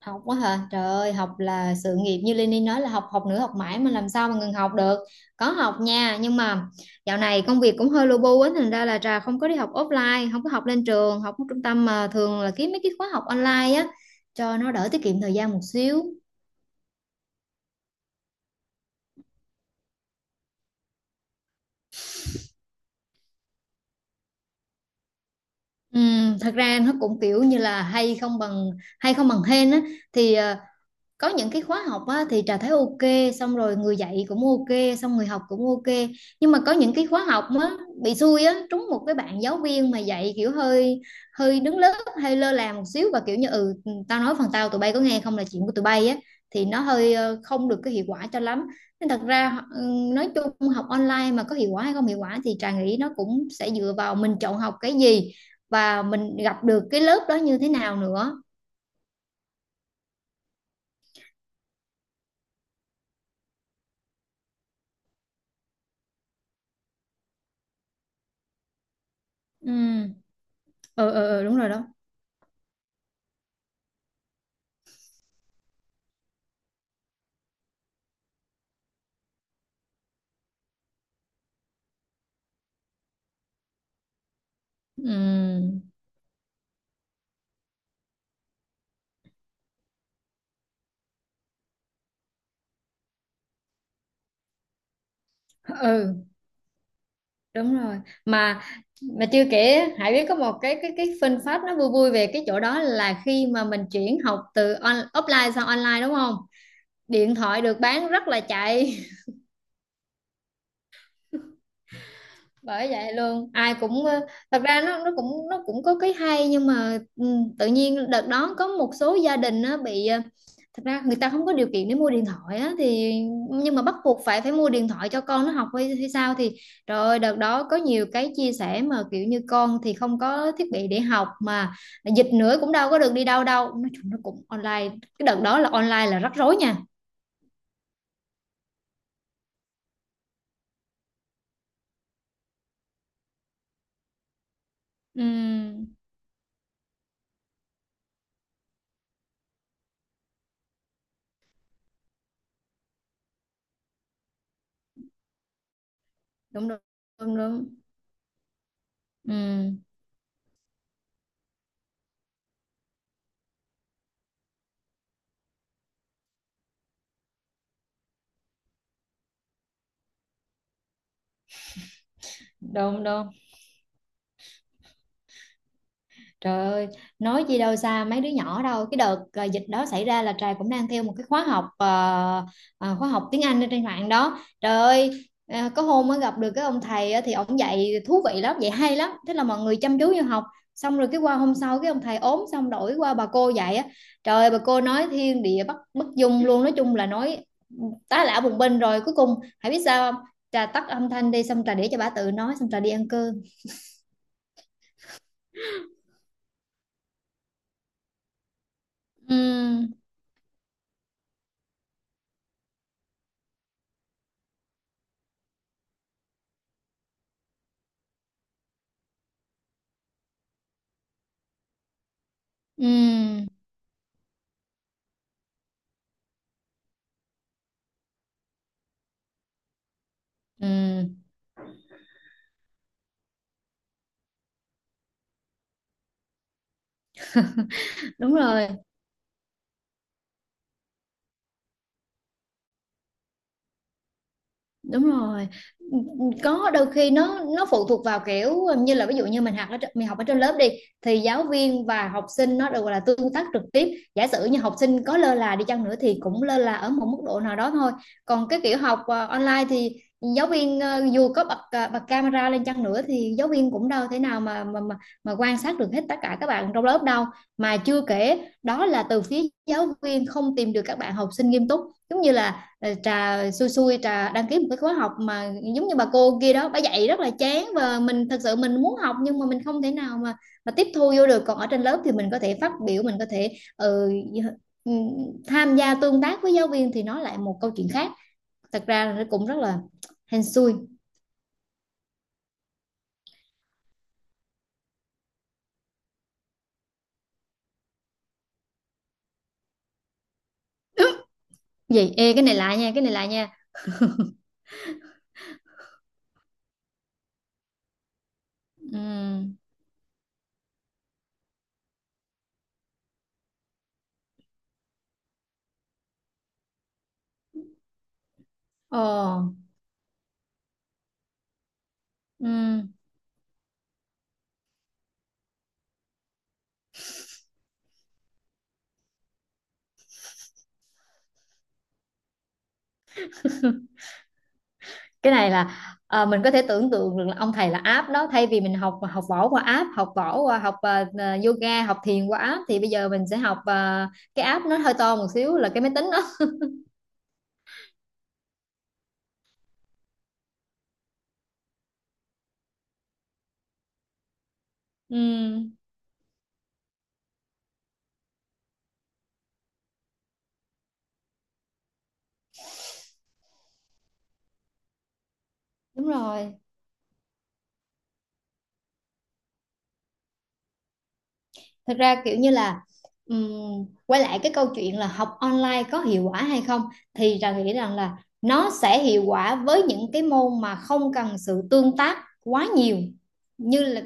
Học quá hả trời ơi, học là sự nghiệp như Lenny nói là học, học nữa, học mãi, mà làm sao mà ngừng học được. Có học nha, nhưng mà dạo này công việc cũng hơi lu bu á, thành ra là Trà không có đi học offline, không có học lên trường học ở trung tâm, mà thường là kiếm mấy cái khóa học online á, cho nó đỡ tiết kiệm thời gian một xíu. Thật ra nó cũng kiểu như là hay không bằng hên á, thì có những cái khóa học á, thì Trà thấy ok, xong rồi người dạy cũng ok, xong người học cũng ok. Nhưng mà có những cái khóa học á, bị xui á, trúng một cái bạn giáo viên mà dạy kiểu hơi hơi đứng lớp, hơi lơ là một xíu, và kiểu như ừ, tao nói phần tao tụi bay có nghe không là chuyện của tụi bay á, thì nó hơi không được cái hiệu quả cho lắm. Nên thật ra nói chung học online mà có hiệu quả hay không hiệu quả thì Trà nghĩ nó cũng sẽ dựa vào mình chọn học cái gì và mình gặp được cái lớp đó như thế nào nữa. Ừ, ừ, ừ, ừ, đúng rồi đó. Ừ, ừ, đúng rồi. Mà mà chưa kể Hải biết có một cái fun fact nó vui vui về cái chỗ đó là khi mà mình chuyển học từ offline sang online đúng không? Điện thoại được bán rất là chạy. Bởi vậy luôn, ai cũng thật ra nó cũng có cái hay nhưng mà tự nhiên đợt đó có một số gia đình nó bị thật ra người ta không có điều kiện để mua điện thoại á, thì nhưng mà bắt buộc phải phải mua điện thoại cho con nó học hay sao thì trời ơi, đợt đó có nhiều cái chia sẻ mà kiểu như con thì không có thiết bị để học, mà dịch nữa cũng đâu có được đi đâu đâu, nói chung nó cũng online. Cái đợt đó là online là rắc rối nha. Ừ, đúng đúng đúng đúng. Ừ, đúng đúng. Trời ơi, nói gì đâu xa mấy đứa nhỏ đâu. Cái đợt à, dịch đó xảy ra là Trà cũng đang theo một cái khóa học khóa học tiếng Anh ở trên mạng đó. Trời ơi, có hôm mới gặp được cái ông thầy á, thì ông dạy thú vị lắm, dạy hay lắm. Thế là mọi người chăm chú vô học. Xong rồi cái qua hôm sau cái ông thầy ốm xong đổi qua bà cô dạy á. Trời ơi, bà cô nói thiên địa bất bất dung luôn, nói chung là nói tá lả bùng binh rồi cuối cùng hãy biết sao không? Trà tắt âm thanh đi xong Trà để cho bà tự nói xong Trà đi ăn cơm. Ừ, ừ, ừ, đúng rồi, đúng rồi. Có đôi khi nó phụ thuộc vào kiểu như là ví dụ như mình học ở mình học ở trên lớp đi, thì giáo viên và học sinh nó được gọi là tương tác trực tiếp. Giả sử như học sinh có lơ là đi chăng nữa thì cũng lơ là ở một mức độ nào đó thôi. Còn cái kiểu học online thì giáo viên dù có bật ờ, bật camera lên chăng nữa thì giáo viên cũng đâu thể nào mà quan sát được hết tất cả các bạn trong lớp đâu. Mà chưa kể đó là từ phía giáo viên không tìm được các bạn học sinh nghiêm túc, giống như là Trà xui xui Trà đăng ký một cái khóa học mà giống như bà cô kia đó, bà dạy rất là chán và mình thật sự mình muốn học nhưng mà mình không thể nào mà tiếp thu vô được. Còn ở trên lớp thì mình có thể phát biểu, mình có thể ừ, tham gia tương tác với giáo viên thì nó lại một câu chuyện khác. Thật ra là nó cũng rất là hên xui. Vậy ê, cái này lại nha, cái này lại nha. Ừ. Ồ. Ừ. Cái này là mình có thể tưởng tượng được là ông thầy là app đó, thay vì mình học học võ qua app, học võ qua học yoga, học thiền qua app thì bây giờ mình sẽ học cái app nó hơi to một xíu là cái máy tính đó. Ừm, đúng rồi. Thật ra kiểu như là quay lại cái câu chuyện là học online có hiệu quả hay không thì Trà nghĩ rằng là nó sẽ hiệu quả với những cái môn mà không cần sự tương tác quá nhiều, như là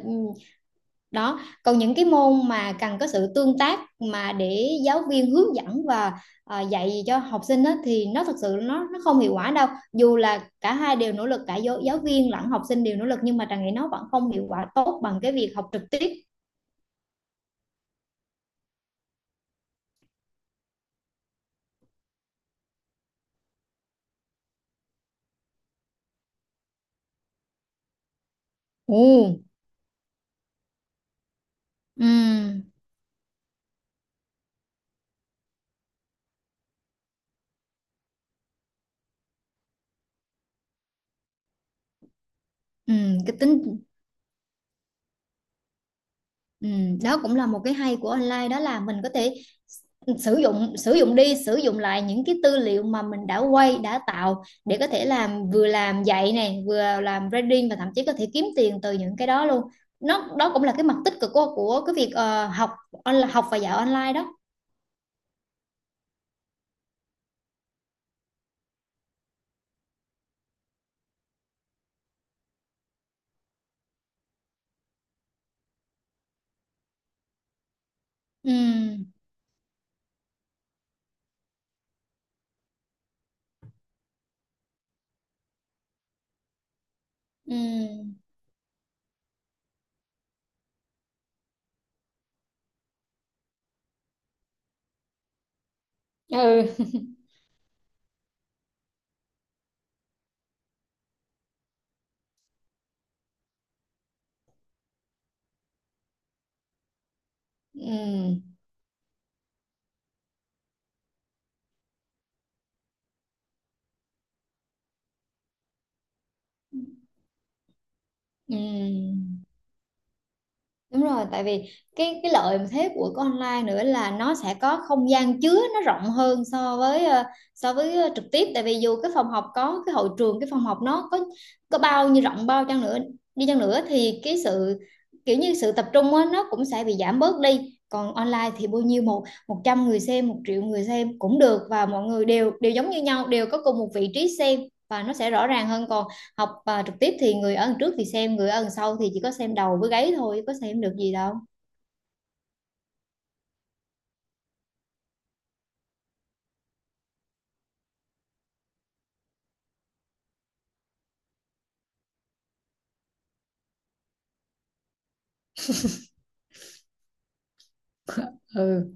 đó. Còn những cái môn mà cần có sự tương tác mà để giáo viên hướng dẫn và dạy cho học sinh đó thì nó thật sự nó không hiệu quả đâu. Dù là cả hai đều nỗ lực, cả giáo viên lẫn học sinh đều nỗ lực nhưng mà Trà nghĩ nó vẫn không hiệu quả tốt bằng cái việc học trực tiếp. Ừ, ừ, ừ, cái tính. Ừ, đó cũng là một cái hay của online đó là mình có thể sử dụng đi sử dụng lại những cái tư liệu mà mình đã quay, đã tạo để có thể làm, vừa làm dạy này vừa làm branding và thậm chí có thể kiếm tiền từ những cái đó luôn. Nó đó cũng là cái mặt tích cực của cái việc học học và dạy online đó. Ừ, ừ, ừ, ừ, ừ. Đúng rồi, tại vì cái lợi mà thế của cái online nữa là nó sẽ có không gian chứa nó rộng hơn so với so với trực tiếp, tại vì dù cái phòng học có cái hội trường, cái phòng học nó có bao nhiêu rộng bao chăng nữa đi chăng nữa thì cái sự kiểu như sự tập trung á, nó cũng sẽ bị giảm bớt đi. Còn online thì bao nhiêu một 100 người xem, 1.000.000 người xem cũng được, và mọi người đều đều giống như nhau, đều có cùng một vị trí xem, và nó sẽ rõ ràng hơn. Còn học trực tiếp thì người ở đằng trước thì xem, người ở đằng sau thì chỉ có xem đầu với gáy thôi, có xem được gì đâu. Ừ,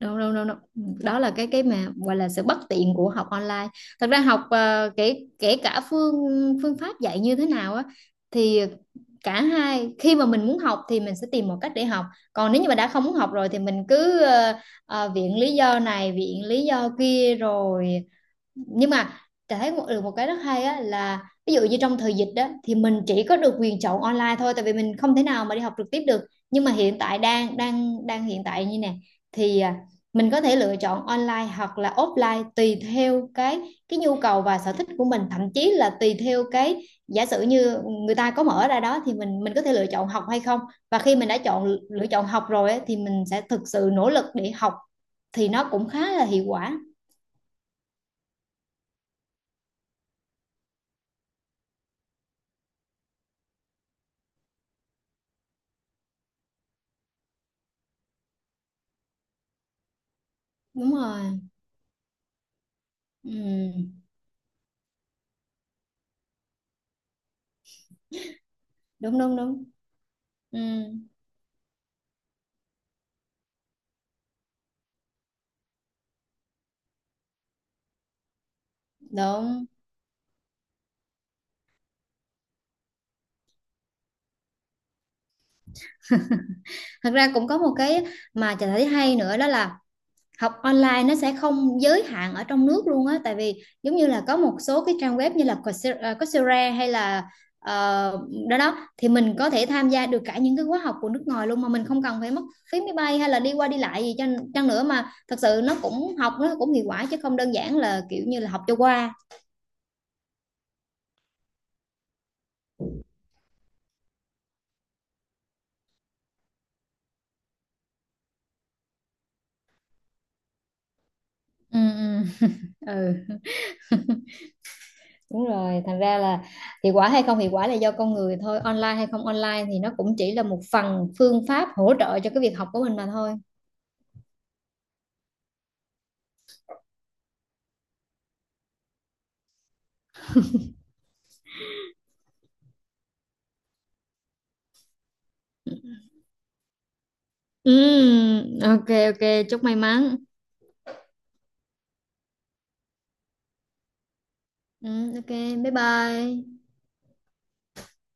đâu đâu đâu đâu. Đó là cái mà gọi là sự bất tiện của học online. Thật ra học kể kể cả phương phương pháp dạy như thế nào á, thì cả hai khi mà mình muốn học thì mình sẽ tìm một cách để học. Còn nếu như mà đã không muốn học rồi thì mình cứ viện lý do này viện lý do kia rồi. Nhưng mà Trà thấy được một cái rất hay á là ví dụ như trong thời dịch đó thì mình chỉ có được quyền chọn online thôi tại vì mình không thể nào mà đi học trực tiếp được. Nhưng mà hiện tại đang đang đang hiện tại như nè thì mình có thể lựa chọn online hoặc là offline tùy theo cái nhu cầu và sở thích của mình, thậm chí là tùy theo cái, giả sử như người ta có mở ra đó thì mình có thể lựa chọn học hay không. Và khi mình đã lựa chọn học rồi á, thì mình sẽ thực sự nỗ lực để học thì nó cũng khá là hiệu quả, đúng rồi. Ừ, đúng đúng đúng. Ừ, đúng. Thật ra cũng có một cái mà chị thấy hay nữa đó là học online nó sẽ không giới hạn ở trong nước luôn á, tại vì giống như là có một số cái trang web như là Coursera hay là ờ, đó đó, thì mình có thể tham gia được cả những cái khóa học của nước ngoài luôn mà mình không cần phải mất phí máy bay hay là đi qua đi lại gì chăng nữa, mà thật sự nó cũng hiệu quả chứ không đơn giản là kiểu như là học cho qua. Ừ, ừ. Ừ. Đúng rồi, thành ra là hiệu quả hay không hiệu quả là do con người thôi, online hay không online thì nó cũng chỉ là một phần phương pháp hỗ trợ cho cái việc học của mình mà thôi. Ừ, ok ok, chúc may mắn. Ừ, ok, bye bye.